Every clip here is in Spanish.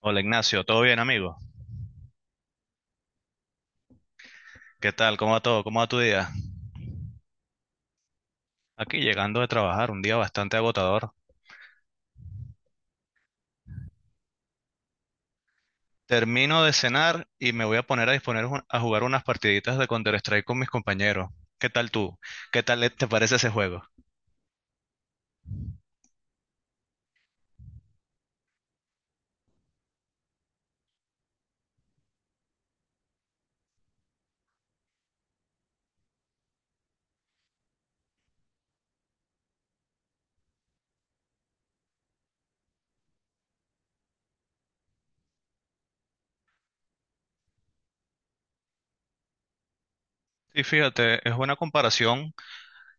Hola Ignacio, ¿todo bien amigo? ¿Qué tal? ¿Cómo va todo? ¿Cómo va tu día? Aquí llegando de trabajar, un día bastante agotador. Termino de cenar y me voy a poner a jugar unas partiditas de Counter-Strike con mis compañeros. ¿Qué tal tú? ¿Qué tal te parece ese juego? Y fíjate, es buena comparación.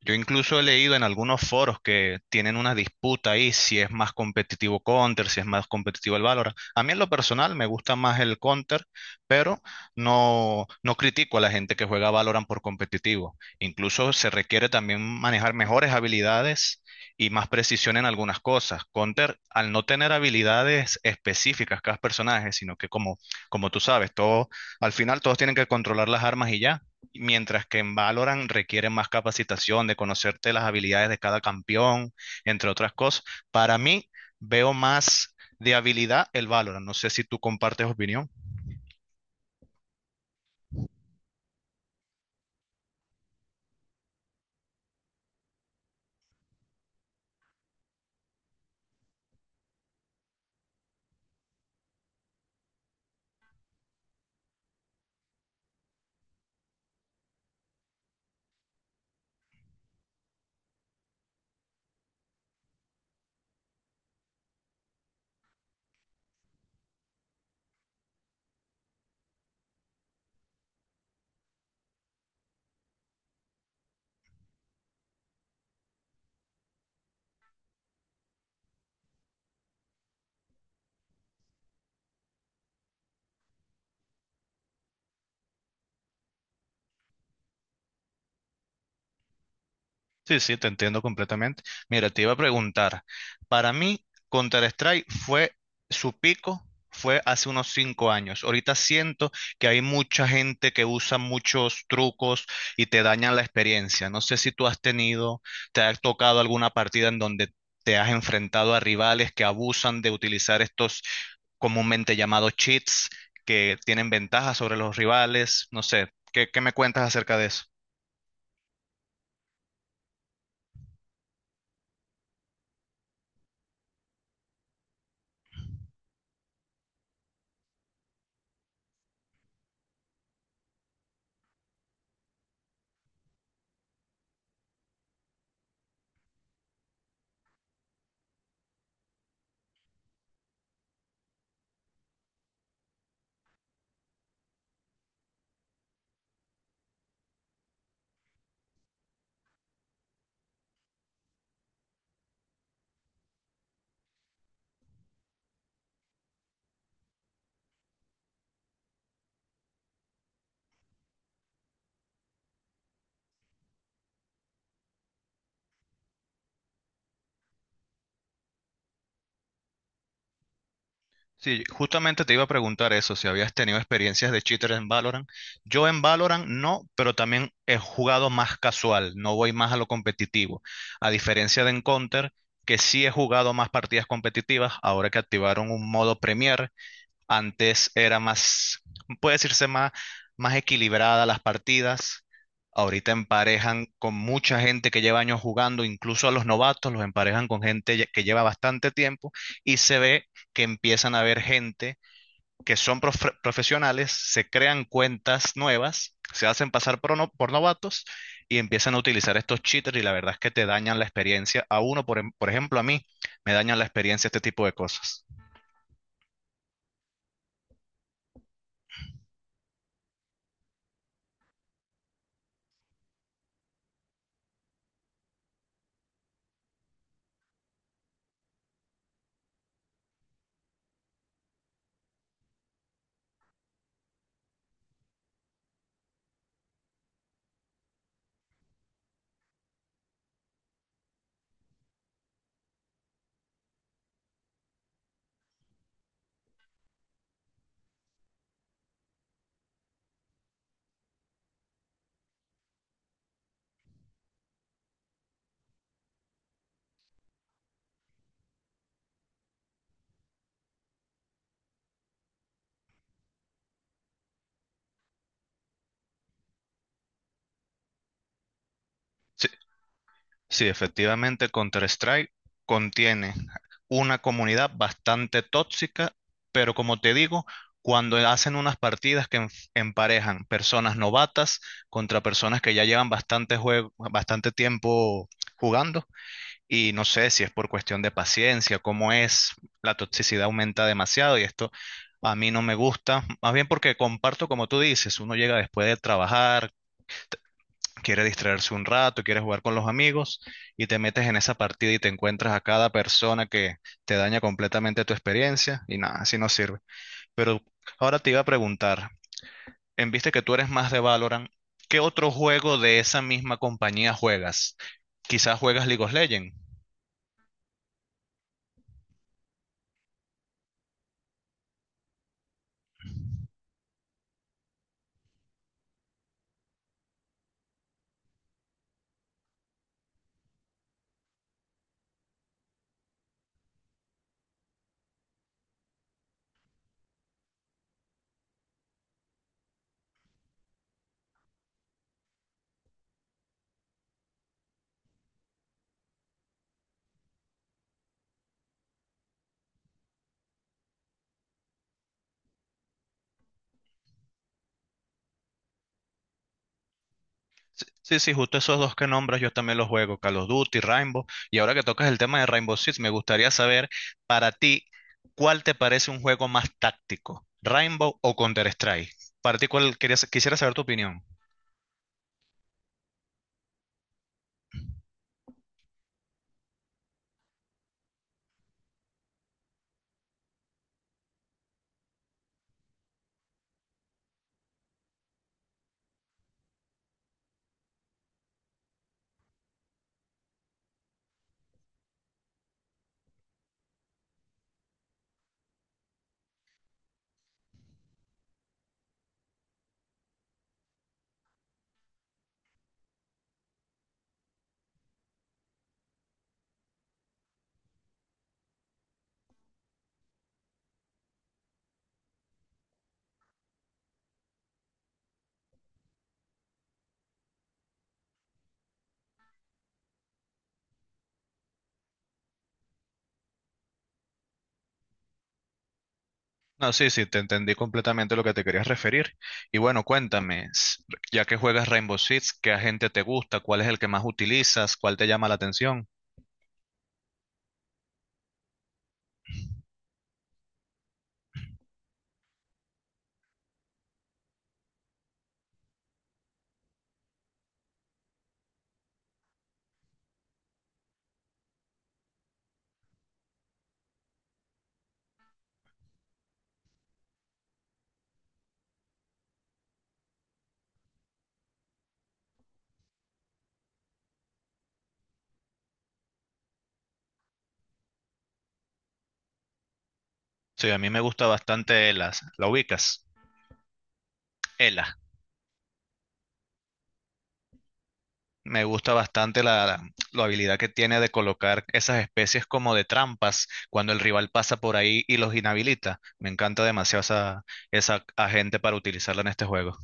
Yo incluso he leído en algunos foros que tienen una disputa ahí si es más competitivo Counter, si es más competitivo el Valorant. A mí en lo personal me gusta más el Counter, pero no, no critico a la gente que juega Valorant por competitivo. Incluso se requiere también manejar mejores habilidades y más precisión en algunas cosas. Counter, al no tener habilidades específicas cada personaje, sino que como, como tú sabes, todo, al final todos tienen que controlar las armas y ya. Mientras que en Valorant requiere más capacitación de conocerte las habilidades de cada campeón, entre otras cosas. Para mí, veo más de habilidad el Valorant. No sé si tú compartes opinión. Sí, sí, te entiendo completamente. Mira, te iba a preguntar, para mí Counter-Strike fue su pico, fue hace unos 5 años. Ahorita siento que hay mucha gente que usa muchos trucos y te dañan la experiencia. No sé si tú has tenido, te ha tocado alguna partida en donde te has enfrentado a rivales que abusan de utilizar estos comúnmente llamados cheats que tienen ventajas sobre los rivales. No sé, ¿qué me cuentas acerca de eso? Sí, justamente te iba a preguntar eso, si habías tenido experiencias de cheater en Valorant. Yo en Valorant no, pero también he jugado más casual, no voy más a lo competitivo. A diferencia de en Counter, que sí he jugado más partidas competitivas, ahora que activaron un modo Premier, antes era más, puede decirse más, más equilibrada las partidas. Ahorita emparejan con mucha gente que lleva años jugando, incluso a los novatos los emparejan con gente que lleva bastante tiempo y se ve que empiezan a haber gente que son profesionales, se crean cuentas nuevas, se hacen pasar por, por novatos y empiezan a utilizar estos cheaters y la verdad es que te dañan la experiencia. A uno, por ejemplo, a mí, me dañan la experiencia este tipo de cosas. Sí, efectivamente, Counter-Strike contiene una comunidad bastante tóxica, pero como te digo, cuando hacen unas partidas que emparejan personas novatas contra personas que ya llevan bastante juego, bastante tiempo jugando, y no sé si es por cuestión de paciencia, cómo es, la toxicidad aumenta demasiado y esto a mí no me gusta, más bien porque comparto como tú dices, uno llega después de trabajar, quiere distraerse un rato, quiere jugar con los amigos y te metes en esa partida y te encuentras a cada persona que te daña completamente tu experiencia y nada, así no sirve. Pero ahora te iba a preguntar, en viste que tú eres más de Valorant, ¿qué otro juego de esa misma compañía juegas? Quizás juegas League of Legends. Sí, sí, sí, justo esos dos que nombras yo también los juego, Call of Duty, Rainbow. Y ahora que tocas el tema de Rainbow Six, me gustaría saber para ti, ¿cuál te parece un juego más táctico? ¿Rainbow o Counter-Strike? Para ti, quisiera saber tu opinión? No, sí, sí, te entendí completamente lo que te querías referir. Y bueno, cuéntame, ya que juegas Rainbow Six, ¿qué agente te gusta? ¿Cuál es el que más utilizas? ¿Cuál te llama la atención? Sí, a mí me gusta bastante Elas. ¿La ubicas? Elas. Me gusta bastante la, la habilidad que tiene de colocar esas especies como de trampas cuando el rival pasa por ahí y los inhabilita. Me encanta demasiado esa, esa agente para utilizarla en este juego.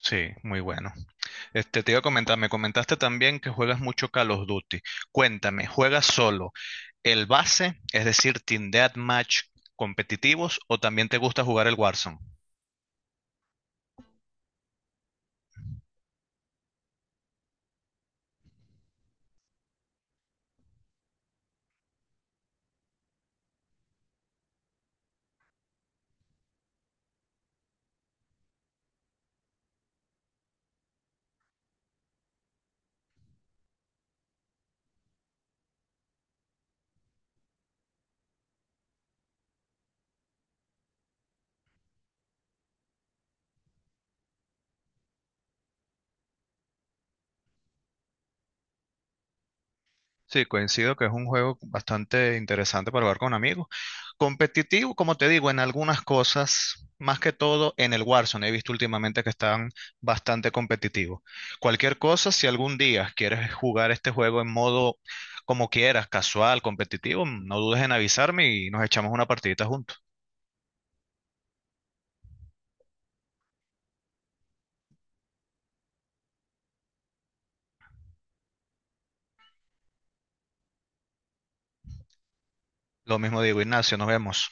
Sí, muy bueno. Este, te iba a comentar, me comentaste también que juegas mucho Call of Duty. Cuéntame, ¿juegas solo el base, es decir, Team Deathmatch competitivos o también te gusta jugar el Warzone? Sí, coincido que es un juego bastante interesante para jugar con amigos. Competitivo, como te digo, en algunas cosas, más que todo en el Warzone. He visto últimamente que están bastante competitivos. Cualquier cosa, si algún día quieres jugar este juego en modo como quieras, casual, competitivo, no dudes en avisarme y nos echamos una partidita juntos. Lo mismo digo, Ignacio, nos vemos.